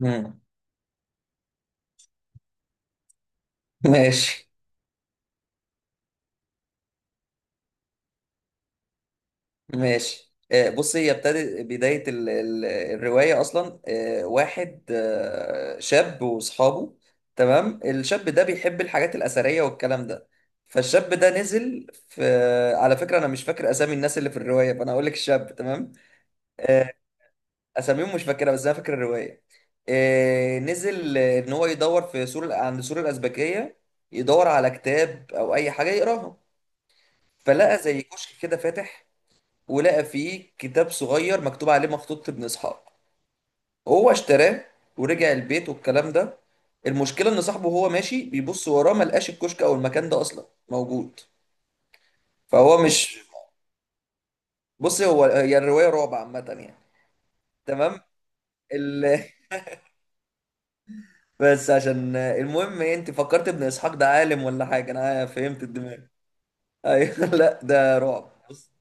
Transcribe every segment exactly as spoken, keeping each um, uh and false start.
مم. ماشي ماشي آه، بص هي ابتدت بداية ال- ال- الرواية أصلا، آه، واحد آه، شاب وأصحابه. تمام، الشاب ده بيحب الحاجات الأثرية والكلام ده. فالشاب ده نزل في، على فكرة أنا مش فاكر أسامي الناس اللي في الرواية فأنا هقول لك الشاب، تمام؟ آه، أساميهم مش فاكرها بس أنا فاكر الرواية. آه، نزل، آه، إن هو يدور في سور، عند سور الأزبكية، يدور على كتاب أو أي حاجة يقراها. فلقى زي كشك كده فاتح، ولقى فيه كتاب صغير مكتوب عليه مخطوطة ابن إسحاق. هو اشتراه ورجع البيت والكلام ده. المشكلة إن صاحبه وهو ماشي بيبص وراه ملقاش الكشك أو المكان ده أصلا موجود. فهو مش بص، هو هي الرواية رعب عامة يعني. تمام. ال... بس عشان المهم إيه، أنت فكرت ابن إسحاق ده عالم ولا حاجة؟ أنا فهمت الدماغ. أيوه لا ده رعب بص.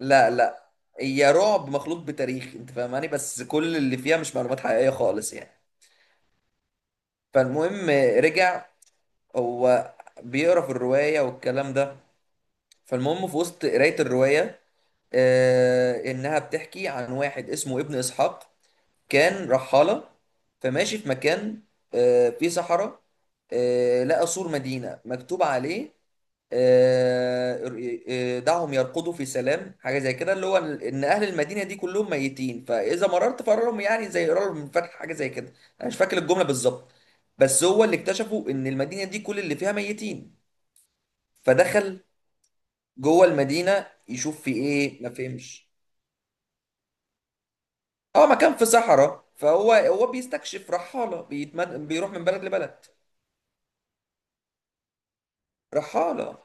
لا لا هي رعب مخلوط بتاريخ أنت فاهماني، بس كل اللي فيها مش معلومات حقيقية خالص يعني. فالمهم، رجع هو بيقرا في الروايه والكلام ده. فالمهم في وسط قرايه الروايه، آه، انها بتحكي عن واحد اسمه ابن اسحاق، كان رحالة، فماشي في مكان آه، فيه صحراء. آه، لقى سور مدينة مكتوب عليه آه، آه، دعهم يرقدوا في سلام، حاجة زي كده، اللي هو إن أهل المدينة دي كلهم ميتين فإذا مررت فقرهم، يعني زي قرار من فتح، حاجة زي كده. أنا مش فاكر الجملة بالظبط، بس هو اللي اكتشفوا إن المدينة دي كل اللي فيها ميتين. فدخل جوه المدينة يشوف في إيه، ما فهمش. اه، مكان في صحراء، فهو هو بيستكشف، رحالة، بيتمد... بيروح من بلد لبلد. رحالة.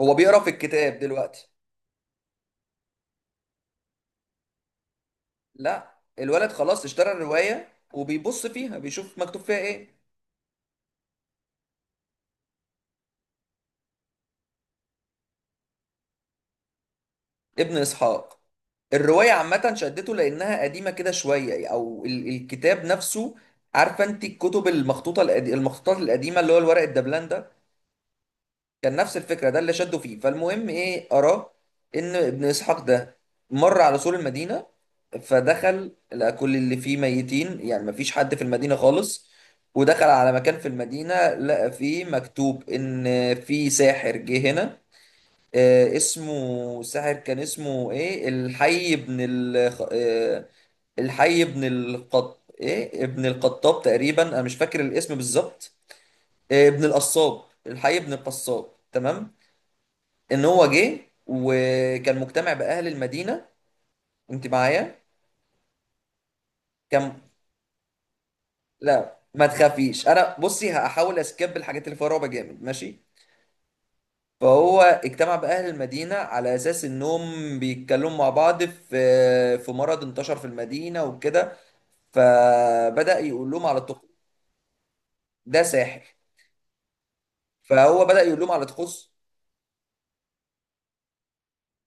هو بيقرا في الكتاب دلوقتي. لا، الولد خلاص اشترى الرواية وبيبص فيها بيشوف مكتوب فيها ايه. ابن اسحاق. الرواية عامة شدته لأنها قديمة كده شوية أو ال- الكتاب نفسه. عارفة أنت الكتب المخطوطة القدي... المخطوطات القديمة اللي هو الورق الدبلان ده؟ كان نفس الفكرة، ده اللي شده فيه. فالمهم ايه، أراه إن ابن إسحاق ده مر على سور المدينة، فدخل لقى كل اللي فيه ميتين، يعني مفيش حد في المدينة خالص. ودخل على مكان في المدينة لقى فيه مكتوب إن في ساحر جه هنا. آه، اسمه ساحر، كان اسمه ايه، الحي ابن ال آه الحي ابن القط، ايه، ابن القطاب تقريبا، انا مش فاكر الاسم بالظبط. آه، ابن القصاب، الحي ابن القصاب، تمام. ان هو جه وكان مجتمع باهل المدينه. انت معايا؟ كان، لا ما تخافيش، انا بصي هحاول اسكيب الحاجات اللي فيها رعب جامد، ماشي. فهو اجتمع باهل المدينه على اساس انهم بيتكلموا مع بعض في، في مرض انتشر في المدينه وكده. فبدا يقول لهم على الطقوس. ده ساحر. فهو بدا يقول لهم على طقوس.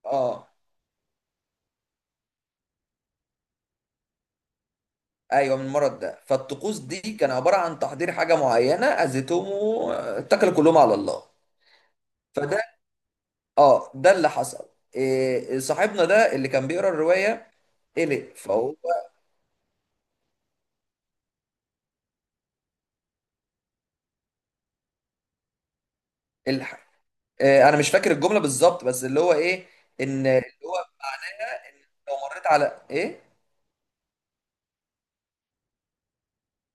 اه، ايوه، من المرض ده. فالطقوس دي كان عباره عن تحضير حاجه معينه، اذتهم واتكلوا كلهم على الله. فده، اه ده اللي حصل. إيه صاحبنا ده اللي كان بيقرا الروايه؟ قلق، فهو الحق، إيه، انا مش فاكر الجمله بالظبط بس اللي هو ايه، ان اللي هو منها ان لو مريت على ايه،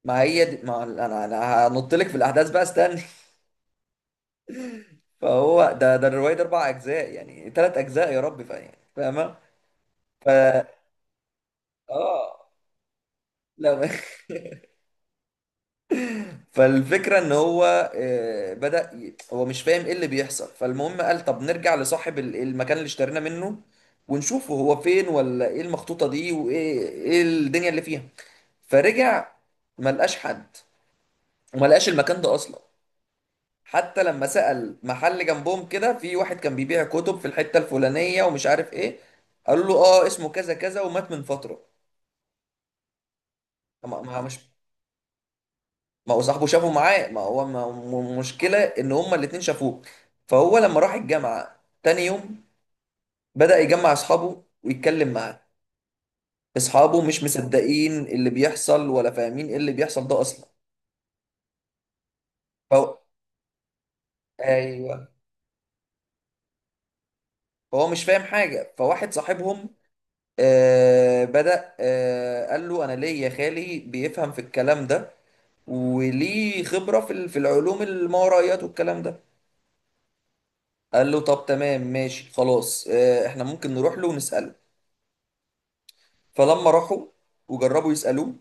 ما هي دي، ما انا انا هنط لك في الاحداث بقى استني. فهو ده ده الروايه دي اربع اجزاء، يعني ثلاث اجزاء يا رب، فاهم فاهمه. ف اه لا فالفكرة ان هو، آه، بدأ ي- هو مش فاهم ايه اللي بيحصل. فالمهم قال طب نرجع لصاحب ال- المكان اللي اشترينا منه، ونشوفه هو فين ولا ايه المخطوطة دي وايه ايه الدنيا اللي فيها. فرجع، ما لقاش حد، وما لقاش المكان ده اصلا. حتى لما سأل محل جنبهم كده، في واحد كان بيبيع كتب في الحتة الفلانية ومش عارف ايه، قال له اه اسمه كذا كذا ومات من فترة. ما ما- مش ما هو صاحبه شافه معاه، ما هو ما م- مشكلة ان هما الاتنين شافوه. فهو لما راح الجامعة تاني يوم بدأ يجمع اصحابه ويتكلم معاه. اصحابه مش مصدقين اللي بيحصل ولا فاهمين ايه اللي بيحصل ده اصلا. فهو، ايوه، فهو مش فاهم حاجة. فواحد صاحبهم آه بدأ آه قال له انا ليه يا خالي بيفهم في الكلام ده، وليه خبرة في ال- في العلوم الماورائيات والكلام ده. قال له طب تمام ماشي خلاص، آه احنا ممكن نروح له ونسأله. فلما راحوا وجربوا يسألوه،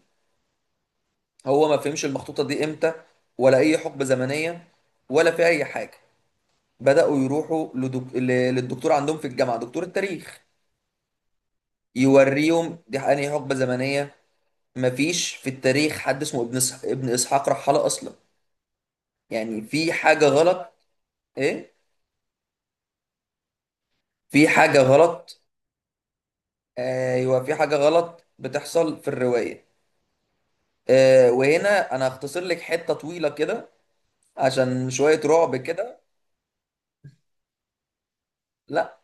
هو ما فهمش المخطوطة دي امتى ولا أي حقبة زمنية ولا في أي حاجة. بدأوا يروحوا لدك... ل- للدكتور عندهم في الجامعة، دكتور التاريخ، يوريهم دي أنهي حقبة زمنية. مفيش في التاريخ حد اسمه ابن إس... ابن إسحاق رحالة أصلا، يعني في حاجة غلط. إيه؟ في حاجة غلط، أيوه في حاجة غلط بتحصل في الرواية. آه، وهنا أنا هختصر لك حتة طويلة كده عشان شوية رعب كده. لا،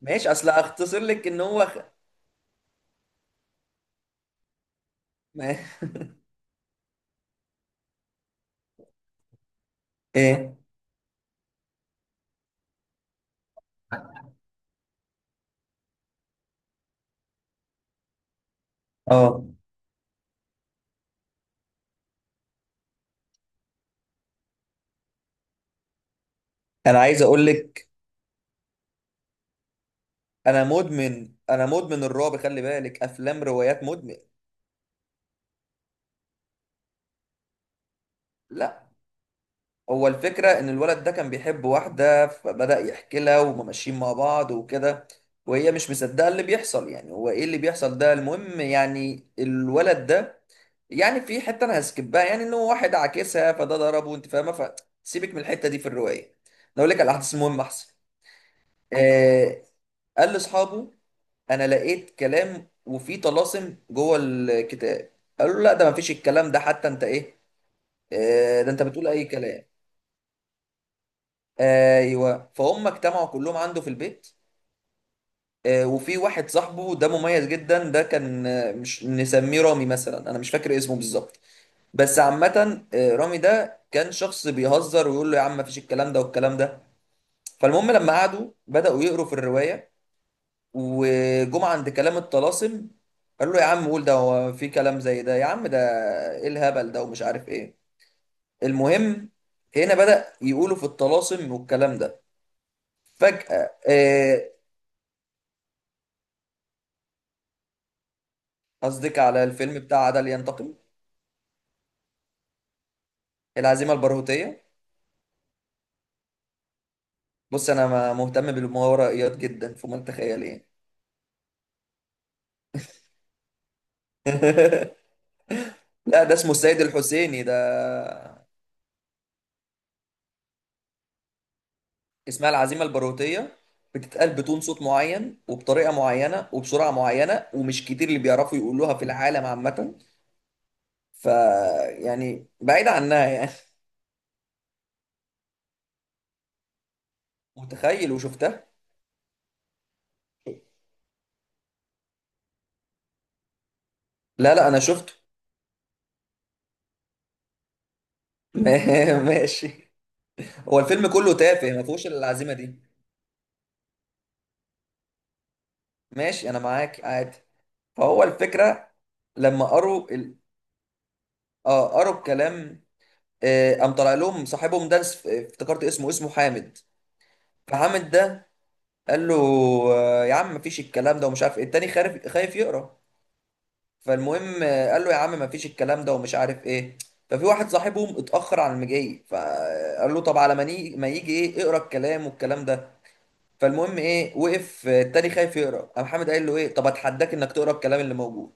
ماشي، اصل اختصر لك ان هو خ... ما... ايه اه انا عايز اقول لك، انا مدمن، انا مدمن الرعب، خلي بالك، افلام روايات، مدمن. لا، هو الفكره ان الولد ده كان بيحب واحده، فبدأ يحكي لها وماشيين مع بعض وكده، وهي مش مصدقه اللي بيحصل، يعني هو ايه اللي بيحصل ده. المهم، يعني الولد ده، يعني في حته انا هسكبها، يعني ان هو واحد عاكسها فده ضربه، انت فاهمه. فسيبك من الحته دي في الروايه، أنا اقول لك على الاحداث المهمه احسن. آه، قال لاصحابه انا لقيت كلام وفيه طلاسم جوه الكتاب، قالوا له لا ده ما فيش الكلام ده، حتى انت ايه، آه ده انت بتقول اي كلام. ايوه، فهم اجتمعوا كلهم عنده في البيت. آه وفي واحد صاحبه ده مميز جدا، ده كان، آه، مش نسميه رامي مثلا، انا مش فاكر اسمه بالظبط، بس عامة آه، رامي ده كان شخص بيهزر ويقول له يا عم ما فيش الكلام ده والكلام ده. فالمهم لما قعدوا بدأوا يقروا في الرواية، وجم عند كلام الطلاسم، قالوا له يا عم قول، ده هو في كلام زي ده يا عم، ده ايه الهبل ده ومش عارف ايه. المهم، هنا بدأ يقولوا في الطلاسم والكلام ده. فجأة، آه، قصدك على الفيلم بتاع عدل ينتقم؟ العزيمة البارهوتية. بص انا ما- مهتم بالماورائيات جدا، فما انت تخيل يعني. لا ده اسمه السيد الحسيني ده. اسمها العزيمة البارهوتية، بتتقال بتون صوت معين وبطريقة معينة وبسرعة معينة، ومش كتير اللي بيعرفوا يقولوها في العالم عامة. ف يعني بعيد عنها يعني. متخيل وشفتها. لا لا انا شفته. ماشي. هو الفيلم كله تافه ما فيهوش إلا العزيمه دي. ماشي انا معاك عادي. فهو الفكره، لما قروا ال... اه قروا الكلام. آه، قام طلع لهم صاحبهم ده، اس- افتكرت اسمه، اسمه حامد. فحامد ده قال له، آه، يا عم مفيش الكلام ده ومش عارف إيه. التاني خارف، خايف يقرا. فالمهم، آه، قال له يا عم ما فيش الكلام ده ومش عارف ايه. ففي واحد صاحبهم اتأخر على المجي، فقال له طب على ما نيجي- ما يجي ايه اقرا الكلام والكلام ده. فالمهم ايه، وقف آه، التاني خايف يقرا، قام حامد قال له ايه، طب اتحداك انك تقرا الكلام اللي موجود.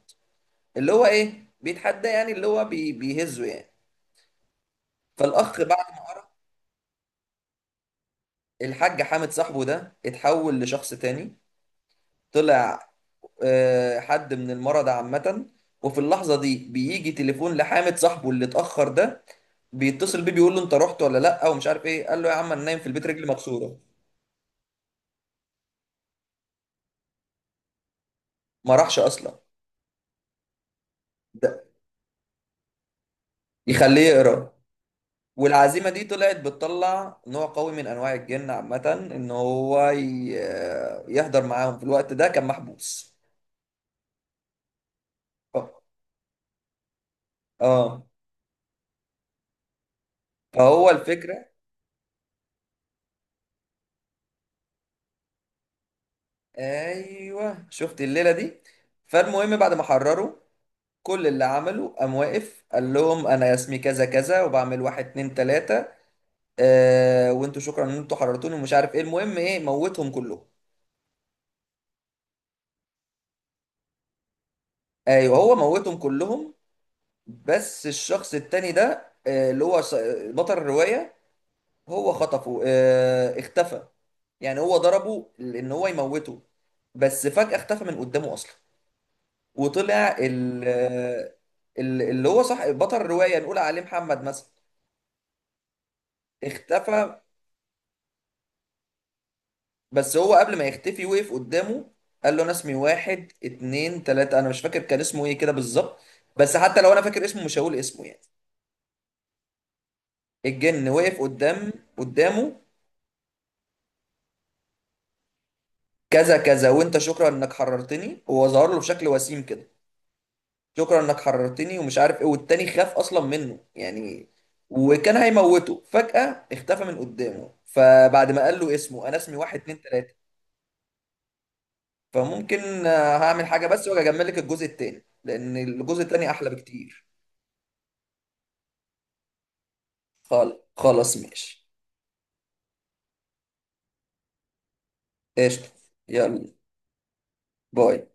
اللي هو ايه بيتحدى، يعني اللي هو بي بيهزه يعني. فالاخ بعد، الحاج حامد صاحبه ده اتحول لشخص تاني. طلع، آه، حد من المرضى عامة. وفي اللحظة دي بيجي تليفون لحامد صاحبه اللي اتأخر ده، بيتصل بيه بيقول له انت رحت ولا لا ومش عارف ايه. قال له يا عم انا نايم في البيت رجلي مكسوره، ما راحش اصلا. ده يخليه يقرا. والعزيمه دي طلعت بتطلع نوع قوي من انواع الجن عامه، ان هو ي- يحضر معاهم، في الوقت ده كان محبوس. اه. اه. فهو الفكره، ايوه شفت الليله دي. فالمهم بعد ما حرروا، كل اللي عمله قام واقف قال لهم انا اسمي كذا كذا وبعمل واحد اتنين تلاته. آه وانتوا شكرا ان انتوا حررتوني ومش عارف ايه. المهم ايه، موتهم كلهم. ايوه هو موتهم كلهم، بس الشخص التاني ده آه اللي هو ص- بطل الرواية، هو خطفه، آه اختفى. يعني هو ضربه ان هو يموته، بس فجأة اختفى من قدامه اصلا. وطلع ال- آه، ال- اللي هو صح بطل الرواية، نقول عليه محمد مثلا. اختفى، بس هو قبل ما يختفي وقف قدامه، قال له انا اسمي واحد اتنين تلاتة، انا مش فاكر كان اسمه ايه كده بالظبط، بس حتى لو انا فاكر اسمه مش هقول اسمه يعني. الجن وقف قدام قدامه كذا كذا، وانت شكرا انك حررتني. هو ظهر له بشكل وسيم كده، شكرا انك حررتني ومش عارف ايه، والتاني خاف اصلا منه يعني، وكان هيموته، فجأة اختفى من قدامه. فبعد ما قال له اسمه، انا اسمي واحد اتنين تلاتة، فممكن، آه، هعمل حاجة بس واجي اجمل لك الجزء التاني، لان الجزء التاني احلى بكتير. خالص، خلاص ماشي. قشطة. يلا باي.